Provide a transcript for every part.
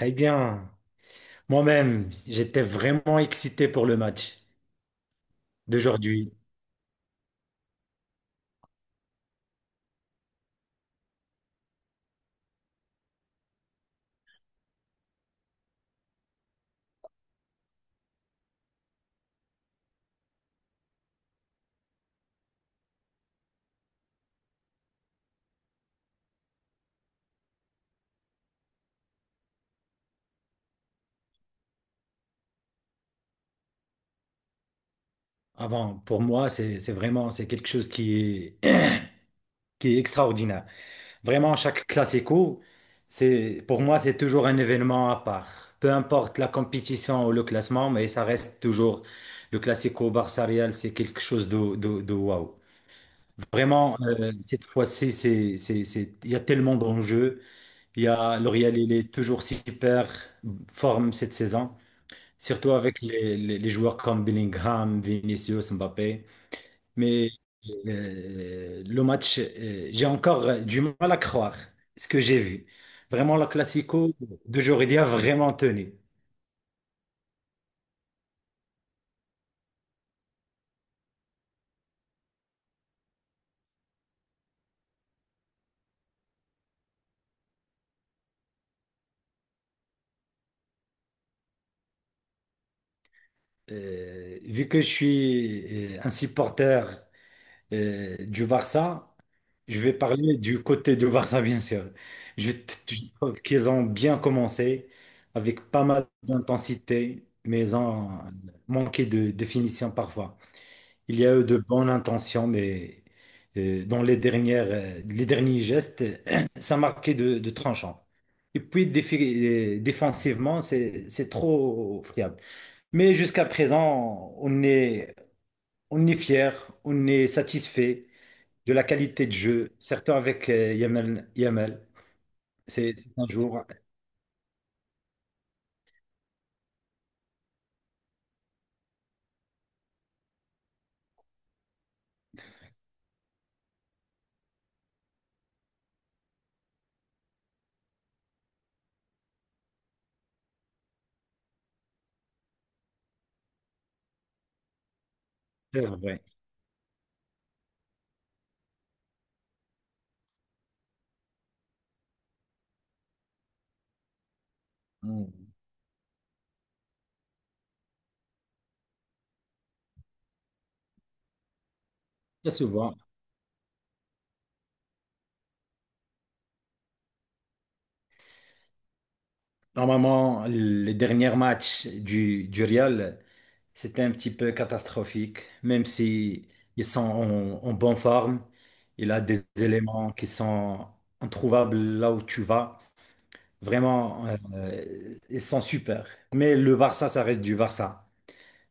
Eh bien, moi-même, j'étais vraiment excité pour le match d'aujourd'hui. Avant, pour moi, c'est vraiment c'est quelque chose qui est, qui est extraordinaire. Vraiment, chaque classico, c'est pour moi, c'est toujours un événement à part. Peu importe la compétition ou le classement, mais ça reste toujours le classico Barça-Real, c'est quelque chose de waouh. Vraiment, cette fois-ci, c'est il y a tellement d'enjeux. Il y a, le Real, il est toujours super forme cette saison. Surtout avec les joueurs comme Bellingham, Vinicius, Mbappé. Mais le match, j'ai encore du mal à croire ce que j'ai vu. Vraiment, le Classico d'aujourd'hui a vraiment tenu. Vu que je suis un supporter du Barça, je vais parler du côté du Barça, bien sûr. Je trouve qu'ils ont bien commencé avec pas mal d'intensité, mais ils ont manqué de finition parfois. Il y a eu de bonnes intentions, mais dans les dernières, les derniers gestes, ça marquait de tranchant. Et puis défi- Défensivement, c'est trop friable. Mais jusqu'à présent, on est fier, on est satisfait de la qualité de jeu, surtout avec Yamal. Yamal. C'est un jour, c'est vrai. Mm. Ça se voit. Normalement, les derniers matchs du Real, c'était un petit peu catastrophique, même si ils sont en bonne forme. Il a des éléments qui sont introuvables là où tu vas. Vraiment, ils sont super. Mais le Barça, ça reste du Barça.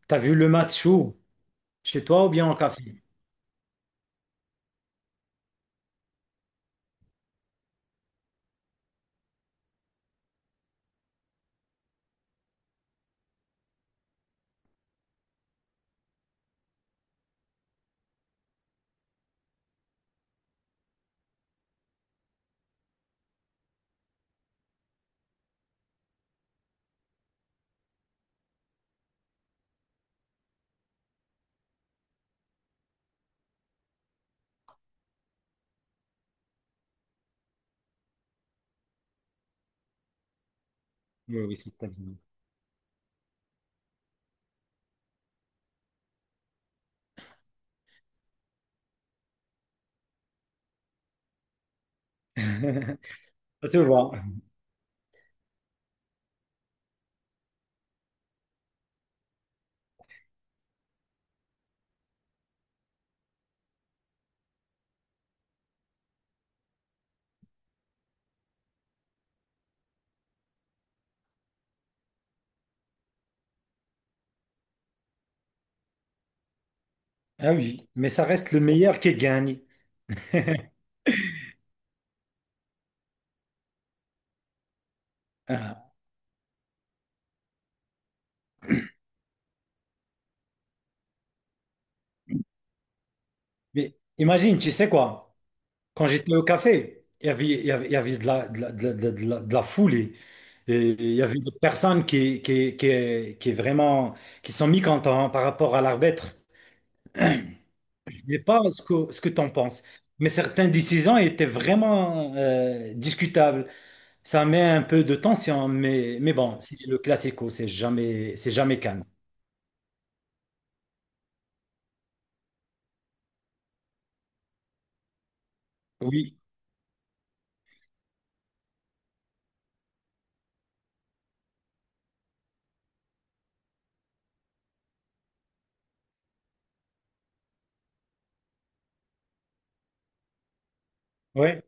T'as vu le match où? Chez toi ou bien en café? Oui, oui, c'est très bien. Ça se voit. Ah oui, mais ça reste le meilleur qui gagne. Ah, mais imagine, tu sais quoi? Quand j'étais au café, il y avait de la, de la, de la, de la foule et il y avait des personnes qui vraiment, qui sont mécontentes par rapport à l'arbitre. Je ne sais pas ce que tu en penses, mais certaines décisions étaient vraiment discutables. Ça met un peu de tension, mais bon, c'est le classico, c'est jamais calme. Oui, ouais,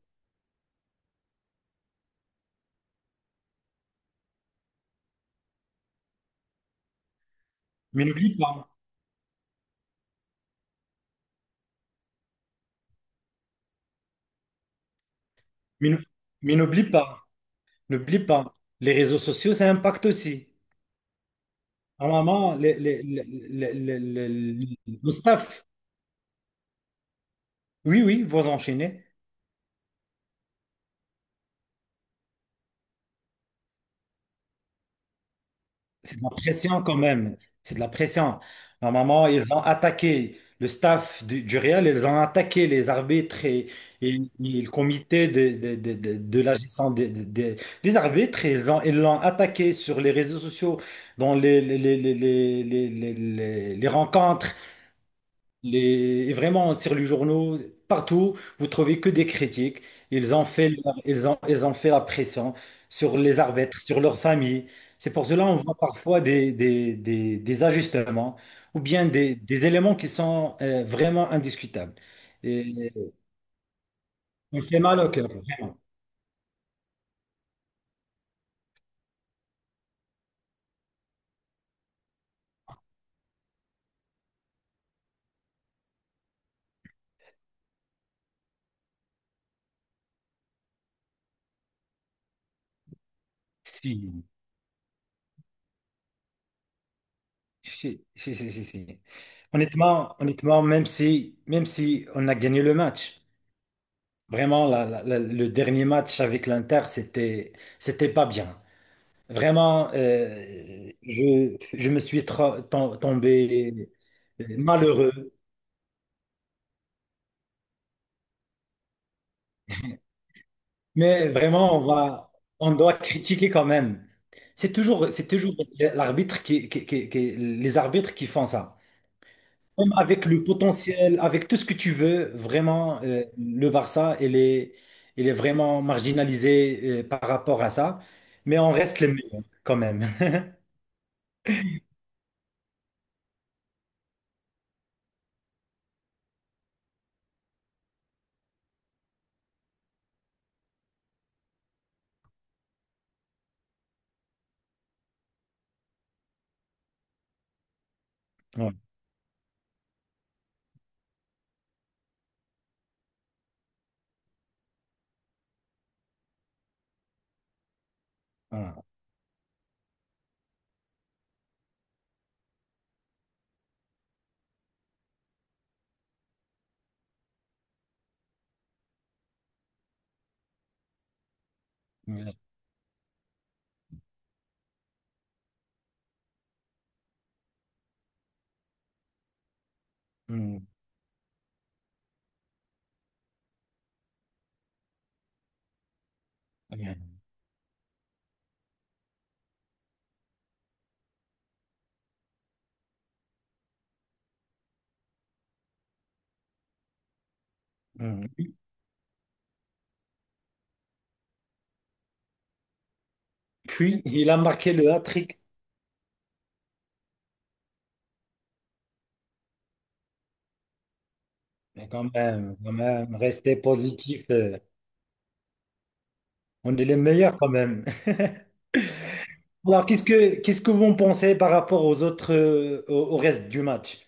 mais n'oublie pas, mais n'ou- mais n'oublie pas, n'oublie pas, les réseaux sociaux, ça impacte aussi. Normalement, le- le- le staff, oui, oui, vous enchaînez. C'est de la pression quand même. C'est de la pression. Normalement, ils ont attaqué le staff du Real, ils ont attaqué les arbitres et, et- et le comité de la gestion des des arbitres. Ils l'ont attaqué sur les réseaux sociaux, dans les rencontres. Les... et vraiment, on tire les journaux partout, vous trouvez que des critiques. Ils ont fait la pression sur les arbitres, sur leurs familles. C'est pour cela on voit parfois des ajustements ou bien des éléments qui sont vraiment indiscutables. Et on fait mal au cœur. Si, si, si, si, si, si. Honnêtement, honnêtement, même si on a gagné le match, vraiment, le dernier match avec l'Inter, c'était pas bien. Vraiment, je me suis tombé malheureux. Mais vraiment, on doit critiquer quand même. C'est toujours l'arbitre les arbitres qui font ça. Même avec le potentiel, avec tout ce que tu veux, vraiment, le Barça, il est vraiment marginalisé, par rapport à ça. Mais on reste les meilleurs quand même. Ouais, voilà. Ouais. Mm, ouais, mm. Puis, il a marqué le hat. Mais quand même, restez positif. On est les meilleurs quand même. Alors, qu'est-ce que vous en pensez par rapport aux autres, au, au reste du match?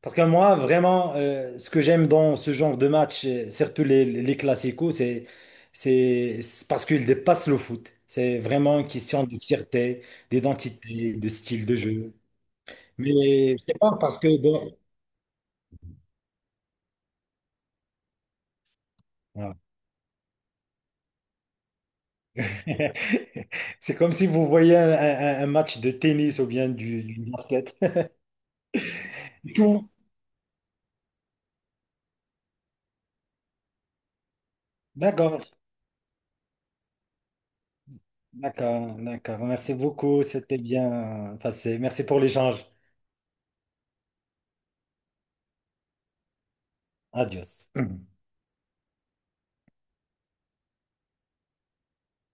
Parce que moi, vraiment, ce que j'aime dans ce genre de match, surtout les classicos, c'est parce qu'ils dépassent le foot. C'est vraiment une question de fierté, d'identité, de style de jeu. Mais je sais pas parce que bon, voilà. C'est comme si vous voyez un match de tennis ou bien du basket. Du coup, d'accord, d'accord. Merci beaucoup. C'était bien passé. Merci pour l'échange. Adios.